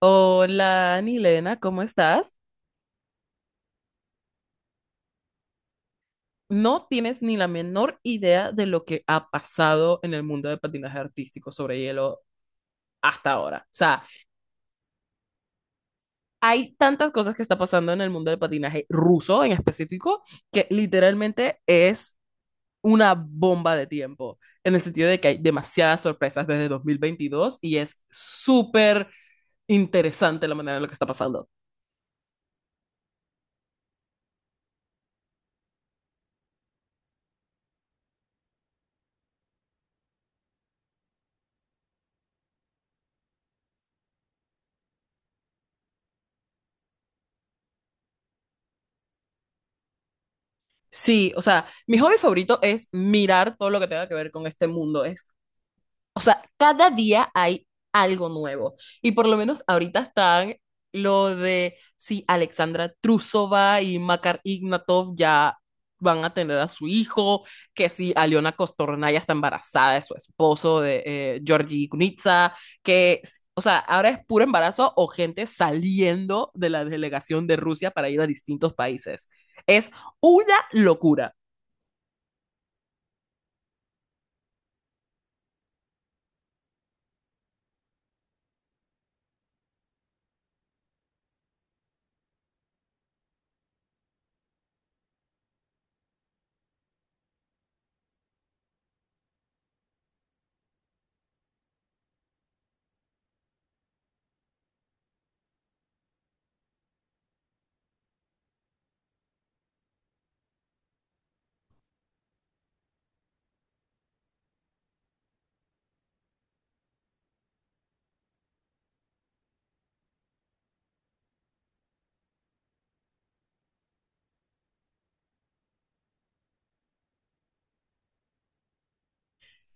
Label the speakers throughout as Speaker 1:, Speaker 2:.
Speaker 1: Hola, Anilena, ¿cómo estás? No tienes ni la menor idea de lo que ha pasado en el mundo de patinaje artístico sobre hielo hasta ahora. O sea, hay tantas cosas que está pasando en el mundo del patinaje ruso en específico que literalmente es una bomba de tiempo, en el sentido de que hay demasiadas sorpresas desde 2022 y es súper interesante la manera en la que está pasando. Sí, o sea, mi hobby favorito es mirar todo lo que tenga que ver con este mundo. Es O sea, cada día hay algo nuevo. Y por lo menos ahorita están lo de si Alexandra Trusova y Makar Ignatov ya van a tener a su hijo, que si Aliona Costorna ya está embarazada de su esposo, de Georgi Kunitsa, que, o sea, ahora es puro embarazo o gente saliendo de la delegación de Rusia para ir a distintos países. Es una locura.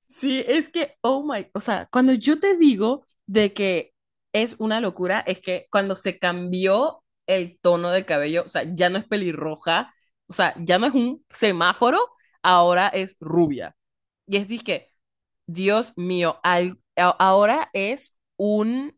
Speaker 1: Sí, es que, oh my, o sea, cuando yo te digo de que es una locura, es que cuando se cambió el tono de cabello, o sea, ya no es pelirroja, o sea, ya no es un semáforo, ahora es rubia. Y es que, Dios mío, ahora es un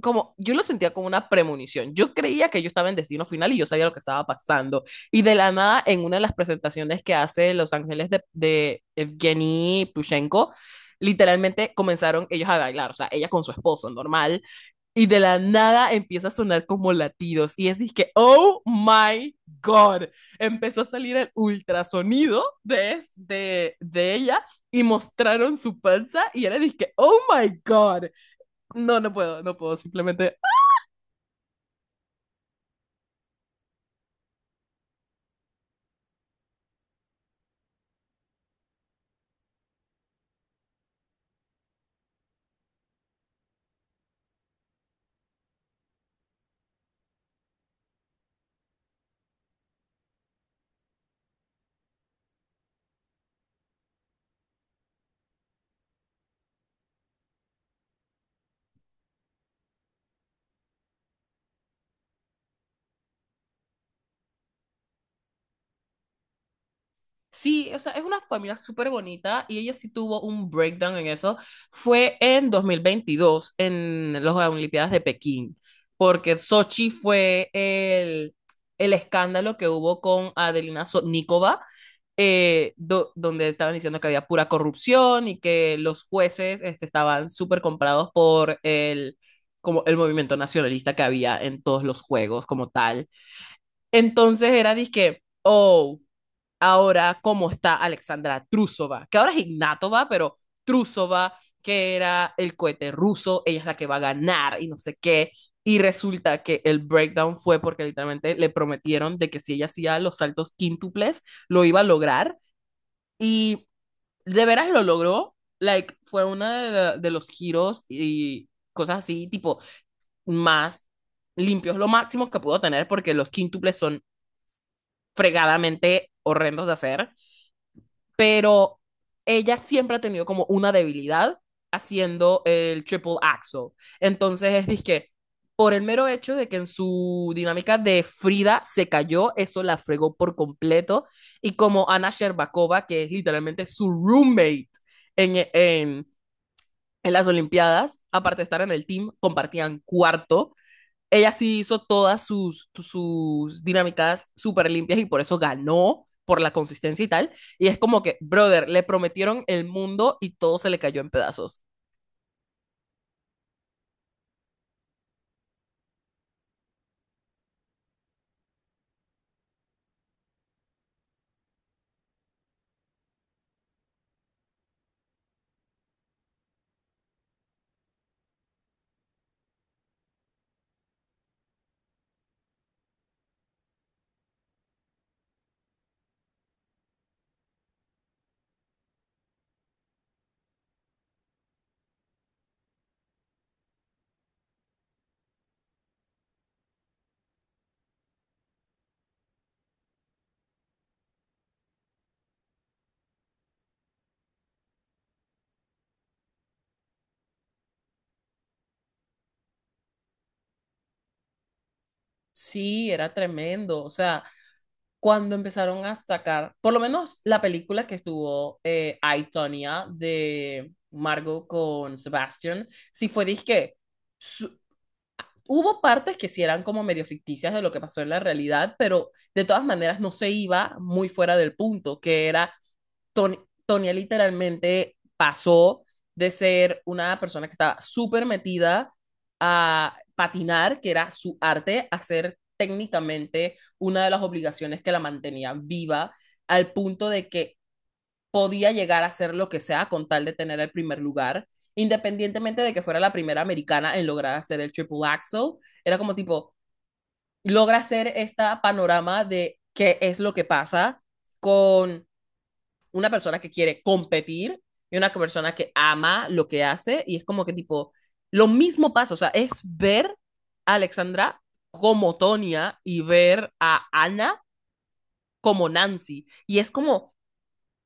Speaker 1: como, yo lo sentía como una premonición. Yo creía que yo estaba en destino final y yo sabía lo que estaba pasando. Y de la nada, en una de las presentaciones que hace Los Ángeles de Evgeny Plushenko, literalmente comenzaron ellos a bailar, o sea, ella con su esposo, normal, y de la nada empieza a sonar como latidos, y es que, oh my god, empezó a salir el ultrasonido de ella, y mostraron su panza, y era dije, oh my god, no, no puedo, simplemente. Sí, o sea, es una familia súper bonita y ella sí tuvo un breakdown en eso. Fue en 2022 en las Olimpiadas de Pekín, porque Sochi fue el escándalo que hubo con Adelina Sotnikova, donde estaban diciendo que había pura corrupción y que los jueces este, estaban súper comprados por el, como el movimiento nacionalista que había en todos los juegos como tal. Entonces era disque, oh, ahora cómo está Alexandra Trusova, que ahora es Ignatova, pero Trusova, que era el cohete ruso, ella es la que va a ganar y no sé qué. Y resulta que el breakdown fue porque literalmente le prometieron de que si ella hacía los saltos quíntuples, lo iba a lograr. Y de veras lo logró. Like, fue uno de, de los giros y cosas así, tipo, más limpios, lo máximo que pudo tener, porque los quíntuples son fregadamente horrendos de hacer. Pero ella siempre ha tenido como una debilidad haciendo el triple axel. Entonces es disque, por el mero hecho de que en su dinámica de Frida se cayó, eso la fregó por completo. Y como Ana Sherbakova, que es literalmente su roommate en, en, en las Olimpiadas, aparte de estar en el team, compartían cuarto. Ella sí hizo todas sus, sus dinámicas súper limpias y por eso ganó por la consistencia y tal. Y es como que, brother, le prometieron el mundo y todo se le cayó en pedazos. Sí, era tremendo. O sea, cuando empezaron a sacar, por lo menos la película que estuvo I, Tonya, de Margot con Sebastian, sí fue disque su- hubo partes que sí eran como medio ficticias de lo que pasó en la realidad, pero de todas maneras no se iba muy fuera del punto, que era Tony, Tonya literalmente pasó de ser una persona que estaba súper metida a patinar, que era su arte, a ser técnicamente una de las obligaciones que la mantenía viva, al punto de que podía llegar a hacer lo que sea con tal de tener el primer lugar, independientemente de que fuera la primera americana en lograr hacer el triple axel, era como tipo, logra hacer esta panorama de qué es lo que pasa con una persona que quiere competir y una persona que ama lo que hace y es como que tipo, lo mismo pasa, o sea, es ver a Alexandra como Tonya y ver a Ana como Nancy. Y es como, o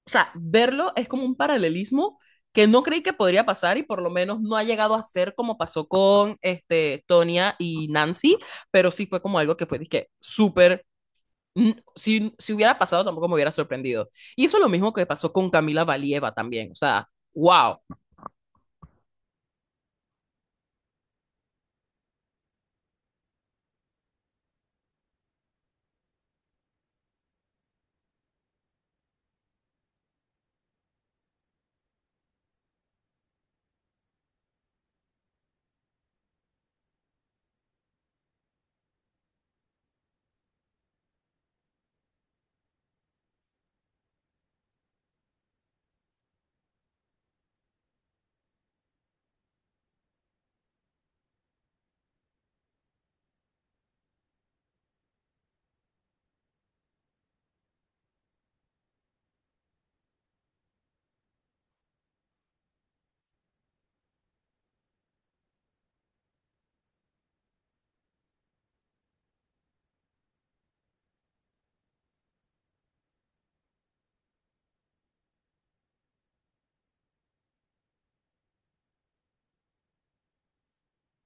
Speaker 1: sea, verlo es como un paralelismo que no creí que podría pasar y por lo menos no ha llegado a ser como pasó con este, Tonya y Nancy, pero sí fue como algo que fue, dije, súper, mm, si, si hubiera pasado tampoco me hubiera sorprendido. Y eso es lo mismo que pasó con Camila Valieva también, o sea, wow.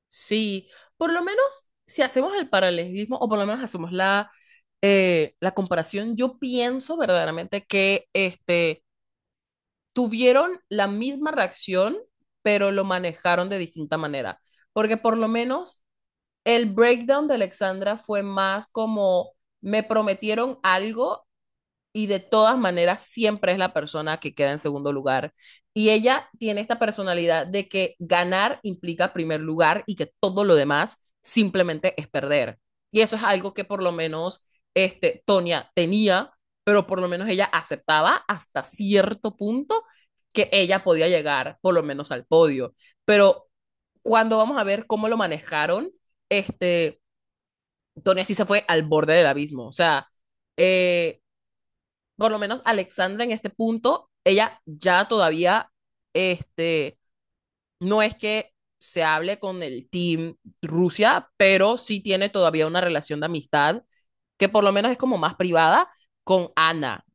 Speaker 1: Sí, por lo menos si hacemos el paralelismo o por lo menos hacemos la, la comparación, yo pienso verdaderamente que este, tuvieron la misma reacción, pero lo manejaron de distinta manera. Porque por lo menos el breakdown de Alexandra fue más como me prometieron algo y de todas maneras siempre es la persona que queda en segundo lugar. Y ella tiene esta personalidad de que ganar implica primer lugar y que todo lo demás simplemente es perder. Y eso es algo que por lo menos este Tonia tenía, pero por lo menos ella aceptaba hasta cierto punto que ella podía llegar por lo menos al podio. Pero cuando vamos a ver cómo lo manejaron, este Tonia sí se fue al borde del abismo, o sea, eh, por lo menos Alexandra en este punto, ella ya todavía, este, no es que se hable con el team Rusia, pero sí tiene todavía una relación de amistad que por lo menos es como más privada con Ana,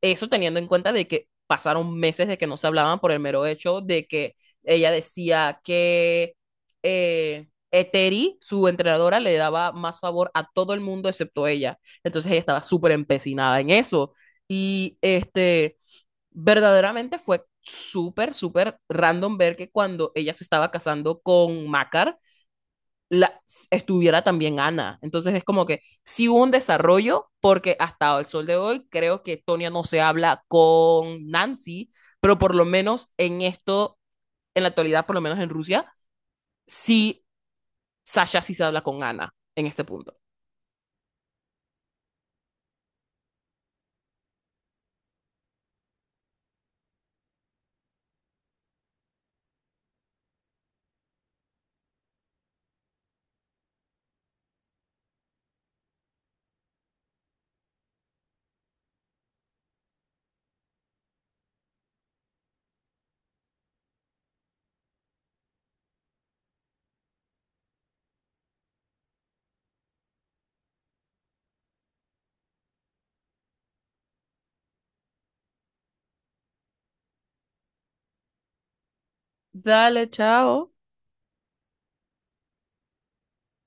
Speaker 1: eso teniendo en cuenta de que pasaron meses de que no se hablaban por el mero hecho de que ella decía que Eteri, su entrenadora, le daba más favor a todo el mundo excepto ella. Entonces ella estaba súper empecinada en eso. Y este, verdaderamente fue súper, súper random ver que cuando ella se estaba casando con Makar la, estuviera también Ana. Entonces es como que sí hubo un desarrollo, porque hasta el sol de hoy creo que Tonia no se habla con Nancy, pero por lo menos en esto, en la actualidad, por lo menos en Rusia, sí, Sasha sí se habla con Ana en este punto. Dale, chao.